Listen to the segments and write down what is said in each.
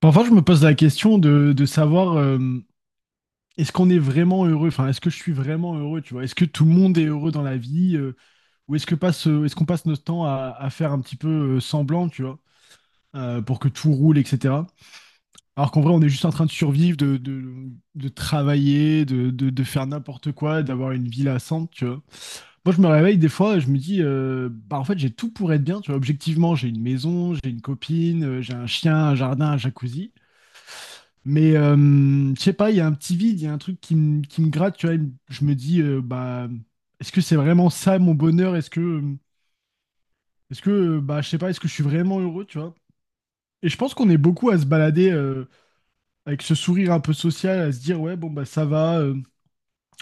Parfois, je me pose la question de savoir est-ce qu'on est vraiment heureux? Enfin, est-ce que je suis vraiment heureux, tu vois? Est-ce que tout le monde est heureux dans la vie? Ou est-ce qu'on passe notre temps à faire un petit peu semblant, tu vois, pour que tout roule, etc. Alors qu'en vrai, on est juste en train de survivre, de travailler, de faire n'importe quoi, d'avoir une vie lassante, tu vois. Moi, je me réveille des fois et je me dis, bah, en fait, j'ai tout pour être bien, tu vois. Objectivement, j'ai une maison, j'ai une copine, j'ai un chien, un jardin, un jacuzzi. Mais je sais pas, il y a un petit vide, il y a un truc qui me gratte, tu vois, je me dis bah est-ce que c'est vraiment ça mon bonheur? Est-ce que bah je sais pas, est-ce que je suis vraiment heureux, tu vois? Et je pense qu'on est beaucoup à se balader avec ce sourire un peu social, à se dire ouais bon bah ça va,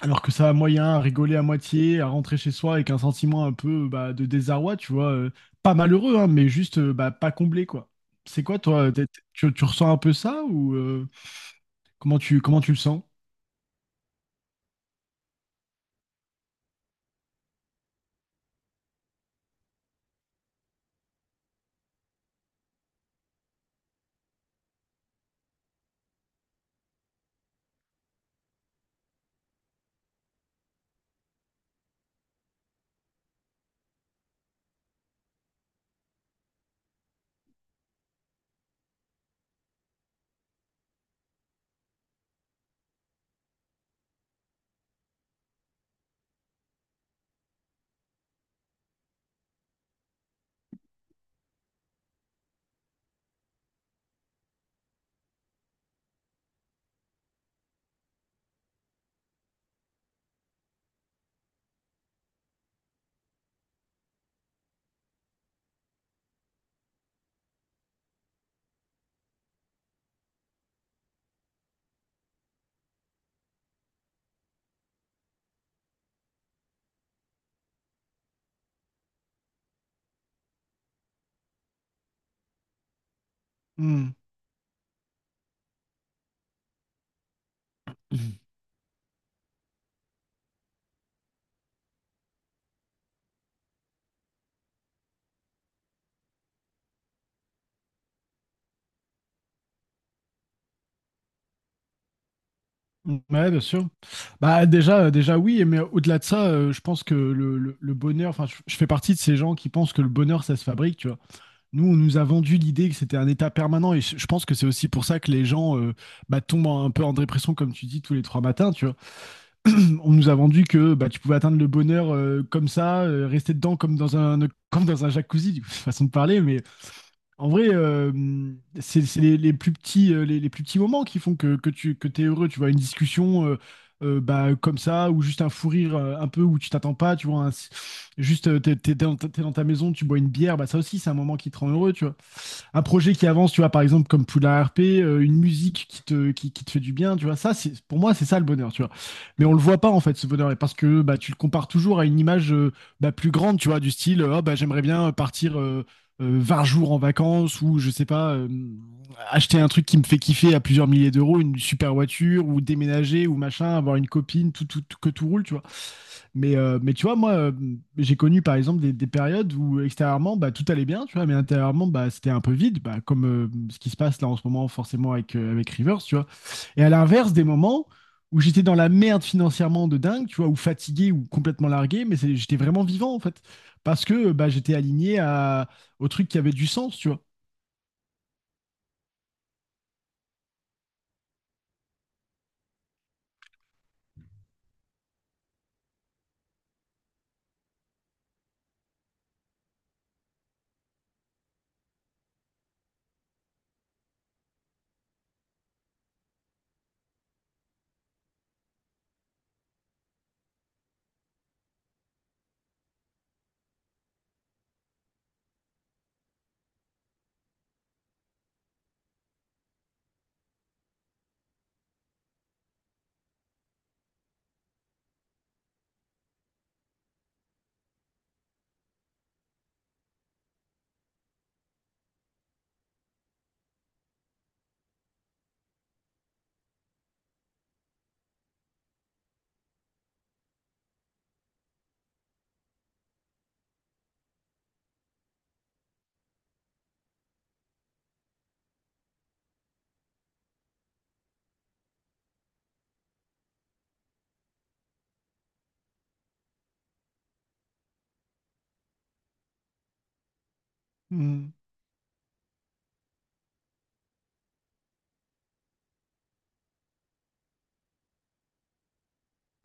alors que ça va moyen, à rigoler à moitié, à rentrer chez soi avec un sentiment un peu bah, de désarroi, tu vois, pas malheureux hein, mais juste bah, pas comblé quoi. C'est quoi toi? Tu ressens un peu ça ou, comment tu le sens? Hmm. Mm. Ouais, bien sûr. Bah déjà, déjà oui, mais au-delà de ça, je pense que le bonheur, enfin, je fais partie de ces gens qui pensent que le bonheur, ça se fabrique, tu vois. Nous, on nous a vendu l'idée que c'était un état permanent, et je pense que c'est aussi pour ça que les gens bah, tombent un peu en dépression, comme tu dis, tous les trois matins, tu vois. On nous a vendu que bah, tu pouvais atteindre le bonheur comme ça, rester dedans comme dans un jacuzzi, du coup, façon de parler. Mais en vrai, c'est les plus petits, les plus petits moments qui font que t'es heureux. Tu vois, une discussion bah, comme ça, ou juste un fou rire un peu où tu t'attends pas. Tu vois, juste t'es dans ta maison, tu bois une bière. Bah, ça aussi, c'est un moment qui te rend heureux. Tu vois un projet qui avance, tu vois, par exemple, comme Poula RP, une musique qui te fait du bien, tu vois, ça, c'est, pour moi, c'est ça le bonheur, tu vois. Mais on le voit pas, en fait, ce bonheur, et parce que bah, tu le compares toujours à une image bah, plus grande, tu vois, du style, oh, bah, j'aimerais bien partir 20 jours en vacances, ou je sais pas, acheter un truc qui me fait kiffer à plusieurs milliers d'euros, une super voiture, ou déménager, ou machin, avoir une copine, que tout roule, tu vois. Mais tu vois, moi, j'ai connu par exemple des périodes où extérieurement, bah, tout allait bien, tu vois, mais intérieurement, bah, c'était un peu vide, bah, comme ce qui se passe là en ce moment, forcément, avec Rivers, tu vois. Et à l'inverse, des moments où j'étais dans la merde financièrement de dingue, tu vois, ou fatigué ou complètement largué, mais j'étais vraiment vivant, en fait, parce que bah, j'étais aligné au truc qui avait du sens, tu vois. Hmm.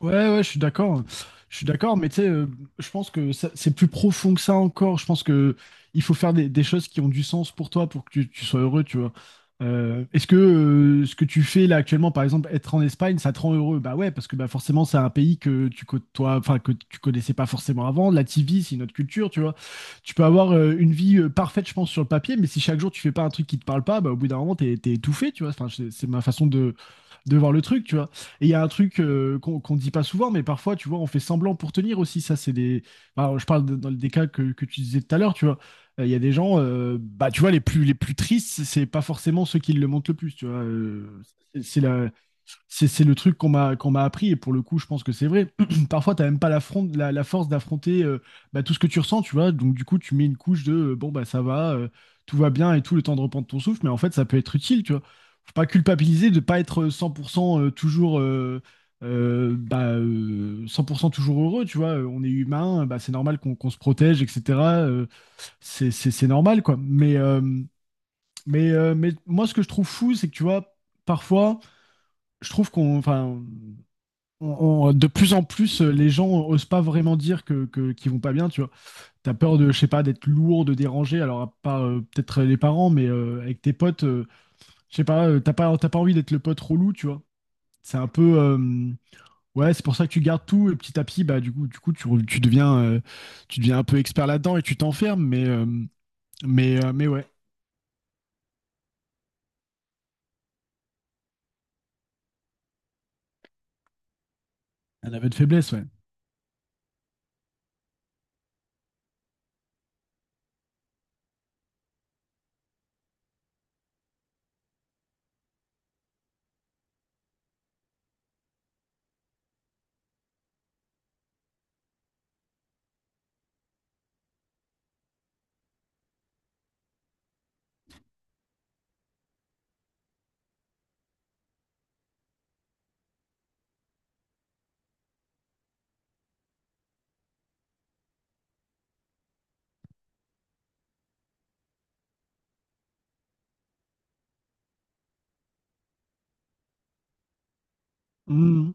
Ouais, ouais, je suis d'accord. Je suis d'accord, mais tu sais, je pense que c'est plus profond que ça encore. Je pense que il faut faire des choses qui ont du sens pour toi, pour que tu sois heureux, tu vois. Est-ce que ce que tu fais là actuellement, par exemple, être en Espagne, ça te rend heureux? Bah ouais, parce que bah forcément, c'est un pays que tu côtoies, enfin que tu connaissais pas forcément avant. La TV, c'est une autre culture, tu vois. Tu peux avoir une vie parfaite, je pense, sur le papier, mais si chaque jour tu fais pas un truc qui te parle pas, bah au bout d'un moment, t'es étouffé, tu vois. Enfin, c'est ma façon de voir le truc, tu vois. Et il y a un truc qu'on dit pas souvent, mais parfois, tu vois, on fait semblant pour tenir aussi. Ça, c'est des. Bah, je parle dans des cas que tu disais tout à l'heure, tu vois. Il y a des gens, bah, tu vois, les plus tristes, c'est pas forcément ceux qui le montrent le plus, tu vois. C'est la, c'est le truc qu'on m'a appris, et pour le coup je pense que c'est vrai. Parfois t'as même pas la force d'affronter bah, tout ce que tu ressens, tu vois, donc du coup tu mets une couche de bon bah ça va, tout va bien, et tout le temps de reprendre ton souffle, mais en fait ça peut être utile, tu vois. Faut pas culpabiliser de pas être 100% toujours bah, 100% toujours heureux, tu vois. On est humain, bah, c'est normal qu'on se protège, etc. C'est normal quoi, mais moi ce que je trouve fou c'est que tu vois parfois je trouve qu'on, enfin, de plus en plus, les gens osent pas vraiment dire qu'ils vont pas bien, tu vois. T'as peur de, je sais pas, d'être lourd, de déranger. Alors, à part peut-être les parents, mais avec tes potes, je sais pas, t'as pas envie d'être le pote relou, tu vois. C'est un peu, ouais, c'est pour ça que tu gardes tout et petit à petit, bah du coup, tu deviens, un peu expert là-dedans et tu t'enfermes. Mais ouais, un aveu de faiblesse, ouais. Mhm.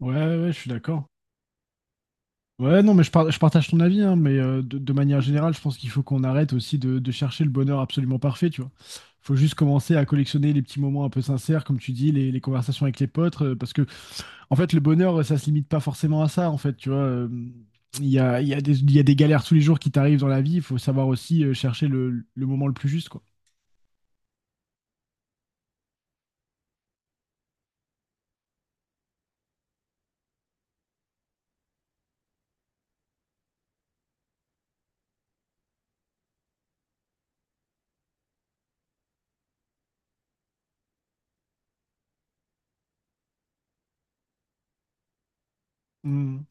Ouais, ouais, ouais, je suis d'accord. Ouais, non, mais je partage ton avis, hein, mais de manière générale, je pense qu'il faut qu'on arrête aussi de chercher le bonheur absolument parfait, tu vois. Faut juste commencer à collectionner les petits moments un peu sincères, comme tu dis, les conversations avec les potes, parce que, en fait, le bonheur, ça se limite pas forcément à ça, en fait, tu vois. Il y a des galères tous les jours qui t'arrivent dans la vie, il faut savoir aussi chercher le moment le plus juste, quoi. Mm.